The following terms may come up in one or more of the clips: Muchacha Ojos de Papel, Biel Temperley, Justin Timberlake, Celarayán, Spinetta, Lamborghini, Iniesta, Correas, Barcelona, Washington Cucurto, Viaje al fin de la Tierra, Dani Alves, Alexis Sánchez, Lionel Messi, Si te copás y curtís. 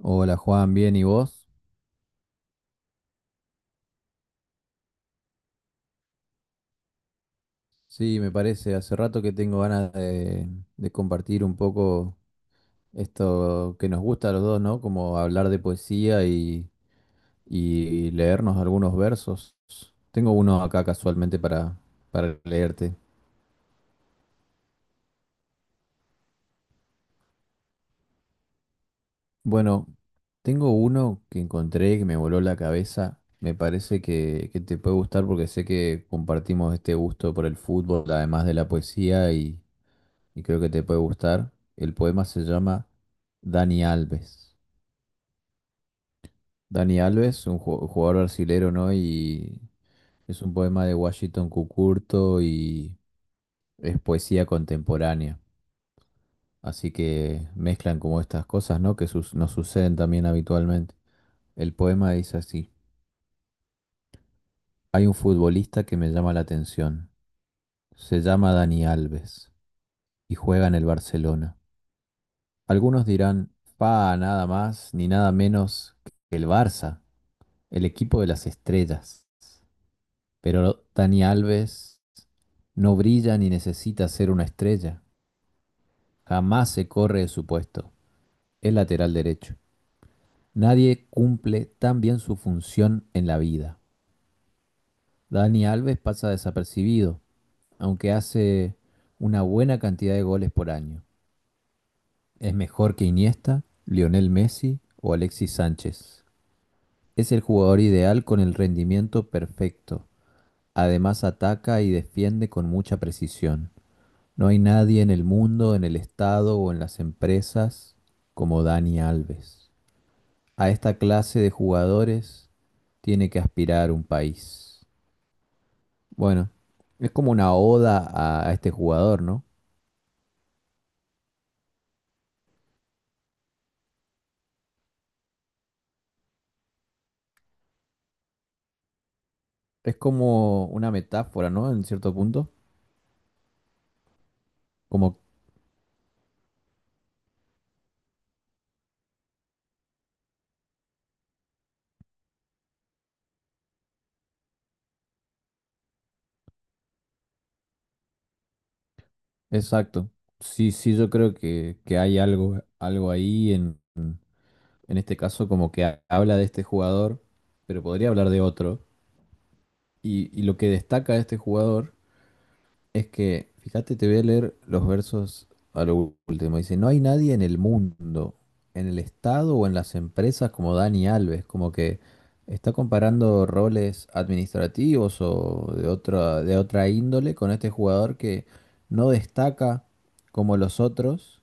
Hola Juan, bien, ¿y vos? Sí, me parece, hace rato que tengo ganas de compartir un poco esto que nos gusta a los dos, ¿no? Como hablar de poesía y leernos algunos versos. Tengo uno acá casualmente para leerte. Bueno, tengo uno que encontré que me voló la cabeza. Me parece que te puede gustar porque sé que compartimos este gusto por el fútbol, además de la poesía, y creo que te puede gustar. El poema se llama Dani Alves. Dani Alves, un jugador brasilero, ¿no? Y es un poema de Washington Cucurto y es poesía contemporánea. Así que mezclan como estas cosas, ¿no? Que nos suceden también habitualmente. El poema dice así: hay un futbolista que me llama la atención. Se llama Dani Alves y juega en el Barcelona. Algunos dirán, fa, nada más ni nada menos que el Barça. El equipo de las estrellas. Pero Dani Alves no brilla ni necesita ser una estrella. Jamás se corre de su puesto. Es lateral derecho. Nadie cumple tan bien su función en la vida. Dani Alves pasa desapercibido, aunque hace una buena cantidad de goles por año. Es mejor que Iniesta, Lionel Messi o Alexis Sánchez. Es el jugador ideal con el rendimiento perfecto. Además ataca y defiende con mucha precisión. No hay nadie en el mundo, en el Estado o en las empresas como Dani Alves. A esta clase de jugadores tiene que aspirar un país. Bueno, es como una oda a este jugador, ¿no? Es como una metáfora, ¿no? En cierto punto. Como, exacto. Sí, sí, yo creo que hay algo, algo ahí en este caso como que habla de este jugador, pero podría hablar de otro. Y lo que destaca de este jugador es que, fíjate, te voy a leer los versos a lo último. Dice, no hay nadie en el mundo, en el Estado o en las empresas como Dani Alves, como que está comparando roles administrativos o de otra índole con este jugador que no destaca como los otros,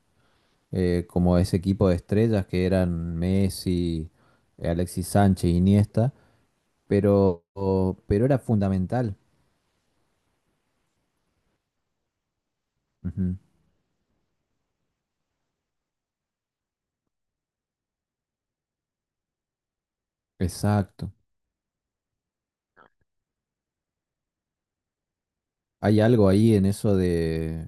como ese equipo de estrellas que eran Messi, Alexis Sánchez, Iniesta, pero, pero era fundamental. Ujú. Exacto. Hay algo ahí en eso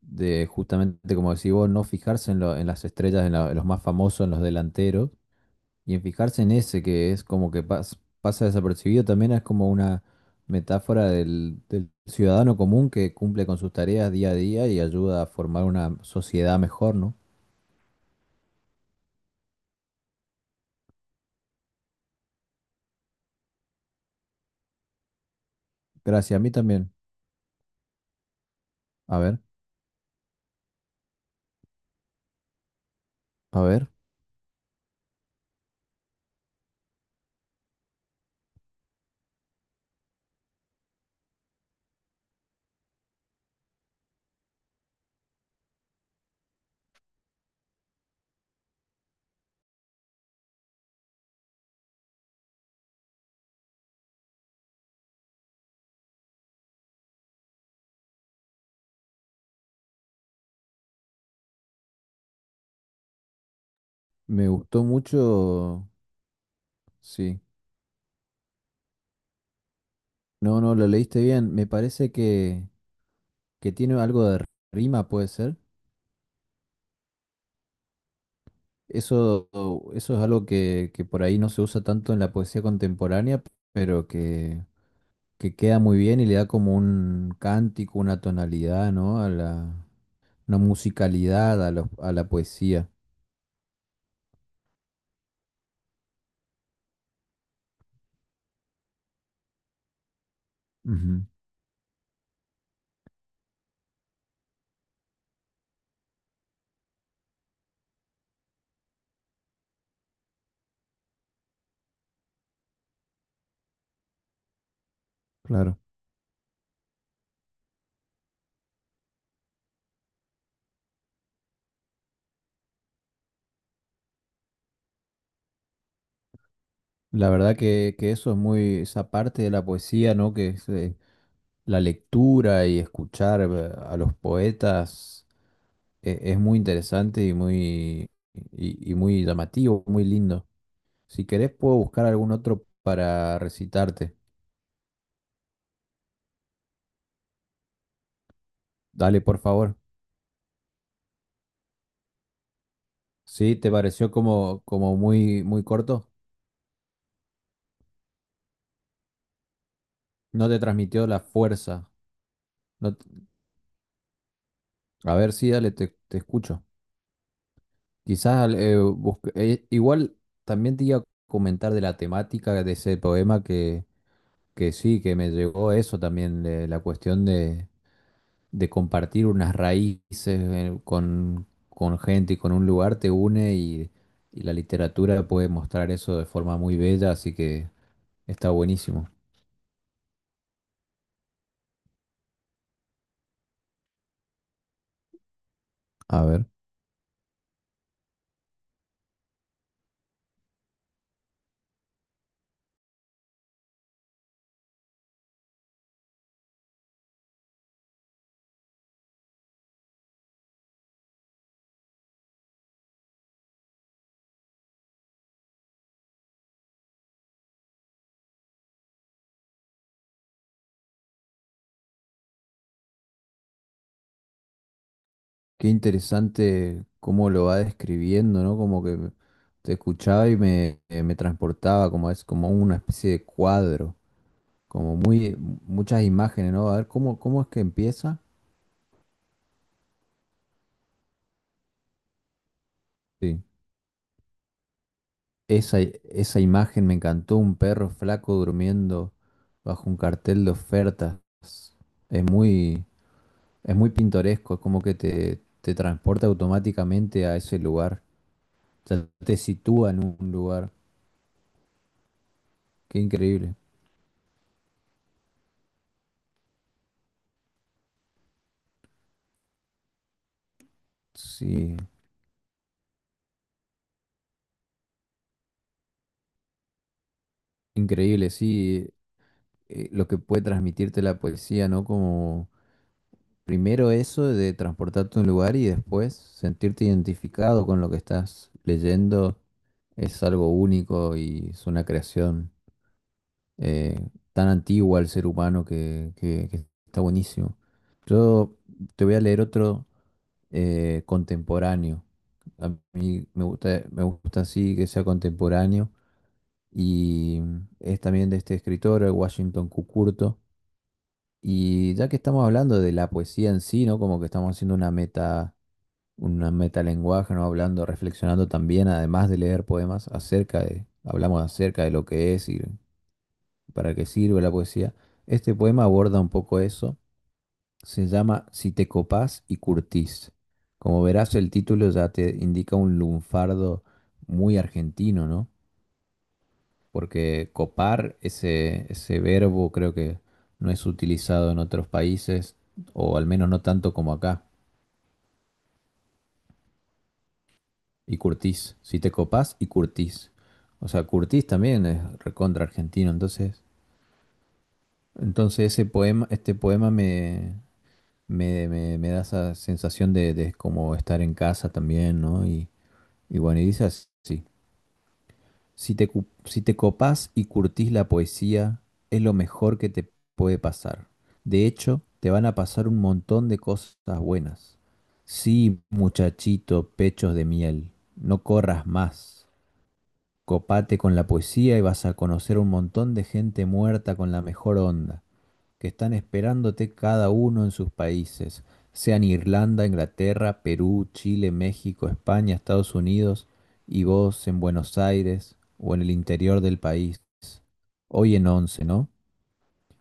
de justamente, como decís vos, no fijarse en, en las estrellas, en, en los más famosos, en los delanteros, y en fijarse en ese que es como que pasa desapercibido, también es como una metáfora del, del ciudadano común que cumple con sus tareas día a día y ayuda a formar una sociedad mejor, ¿no? Gracias, a mí también. A ver, a ver, me gustó mucho, sí. No, no, lo leíste bien. Me parece que tiene algo de rima, puede ser. Eso, eso es algo que por ahí no se usa tanto en la poesía contemporánea, pero que queda muy bien y le da como un cántico, una tonalidad, ¿no? A la, una musicalidad a, a la poesía. Ujú, claro. La verdad que eso es muy, esa parte de la poesía, ¿no? Que es la lectura y escuchar a los poetas es muy interesante y muy, y muy llamativo, muy lindo. Si querés, puedo buscar algún otro para recitarte. Dale, por favor. Sí, te pareció como, como muy, muy corto. No te transmitió la fuerza. No t- A ver, sí, dale, te escucho. Quizás igual también te iba a comentar de la temática de ese poema que sí, que me llegó eso también, de la cuestión de compartir unas raíces con gente y con un lugar te une y la literatura puede mostrar eso de forma muy bella, así que está buenísimo. A ver, qué interesante cómo lo va describiendo, ¿no? Como que te escuchaba y me, me transportaba, como es como una especie de cuadro, como muy muchas imágenes, ¿no? A ver, ¿cómo, cómo es que empieza? Sí. Esa imagen me encantó, un perro flaco durmiendo bajo un cartel de ofertas. Es muy, es muy pintoresco, es como que te transporta automáticamente a ese lugar. Ya te sitúa en un lugar. Qué increíble. Sí, increíble, sí. Lo que puede transmitirte la poesía, ¿no? Como primero eso de transportarte a un lugar y después sentirte identificado con lo que estás leyendo es algo único y es una creación eh, tan antigua al ser humano que, que está buenísimo. Yo te voy a leer otro contemporáneo. A mí me gusta así que sea contemporáneo y es también de este escritor, el Washington Cucurto. Y ya que estamos hablando de la poesía en sí, ¿no? Como que estamos haciendo una meta una metalenguaje, ¿no? Hablando, reflexionando también, además de leer poemas, acerca de, hablamos acerca de lo que es y para qué sirve la poesía. Este poema aborda un poco eso. Se llama Si te copás y curtís. Como verás, el título ya te indica un lunfardo muy argentino, ¿no? Porque copar, ese verbo, creo que no es utilizado en otros países, o al menos no tanto como acá. Y Curtis, si te copás, y Curtis. O sea, Curtis también es recontra argentino, entonces, entonces ese poema, este poema me da esa sensación de como estar en casa también, ¿no? Y bueno, y dice así, si te, si te copás y curtís la poesía, es lo mejor que te puede pasar. De hecho, te van a pasar un montón de cosas buenas. Sí, muchachito, pechos de miel, no corras más. Copate con la poesía y vas a conocer un montón de gente muerta con la mejor onda, que están esperándote cada uno en sus países, sean Irlanda, Inglaterra, Perú, Chile, México, España, Estados Unidos, y vos en Buenos Aires o en el interior del país. Hoy en once, ¿no?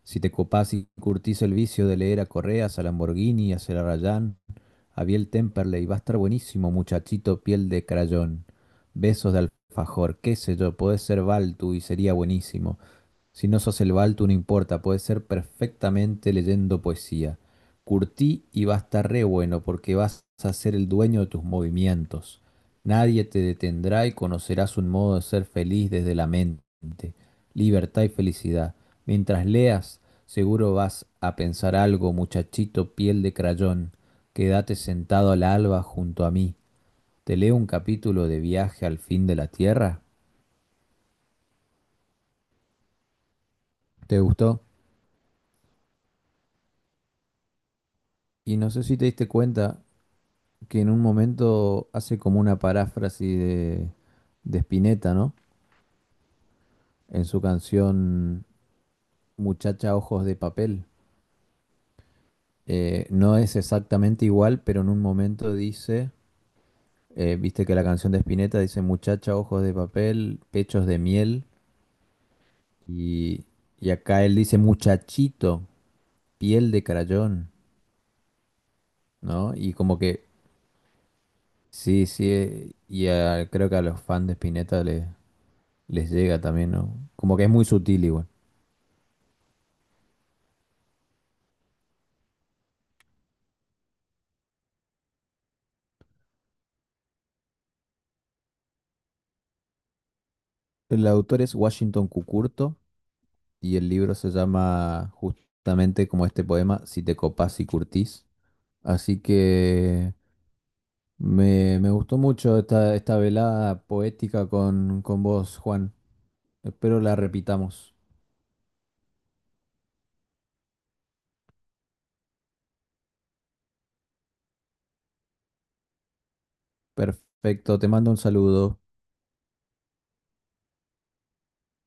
Si te copás y curtís el vicio de leer a Correas, a Lamborghini, a Celarayán, a Biel Temperley, va a estar buenísimo, muchachito, piel de crayón. Besos de alfajor, qué sé yo, podés ser Baltu y sería buenísimo. Si no sos el Balto, no importa, puede ser perfectamente leyendo poesía. Curtí y va a estar re bueno porque vas a ser el dueño de tus movimientos. Nadie te detendrá y conocerás un modo de ser feliz desde la mente. Libertad y felicidad. Mientras leas, seguro vas a pensar algo, muchachito piel de crayón. Quédate sentado al alba junto a mí. Te leo un capítulo de Viaje al fin de la Tierra. ¿Te gustó? Y no sé si te diste cuenta, que en un momento hace como una paráfrasis de Spinetta, ¿no? En su canción Muchacha Ojos de Papel. No es exactamente igual, pero en un momento dice, viste que la canción de Spinetta dice Muchacha Ojos de Papel, Pechos de Miel, y, y acá él dice Muchachito, Piel de Crayón, ¿no? Y como que, sí, sí, y creo que a los fans de Spinetta les llega también, ¿no? Como que es muy sutil igual. El autor es Washington Cucurto y el libro se llama justamente como este poema, Si te copás y curtís. Así que me gustó mucho esta, esta velada poética con vos, Juan. Espero la repitamos. Perfecto, te mando un saludo.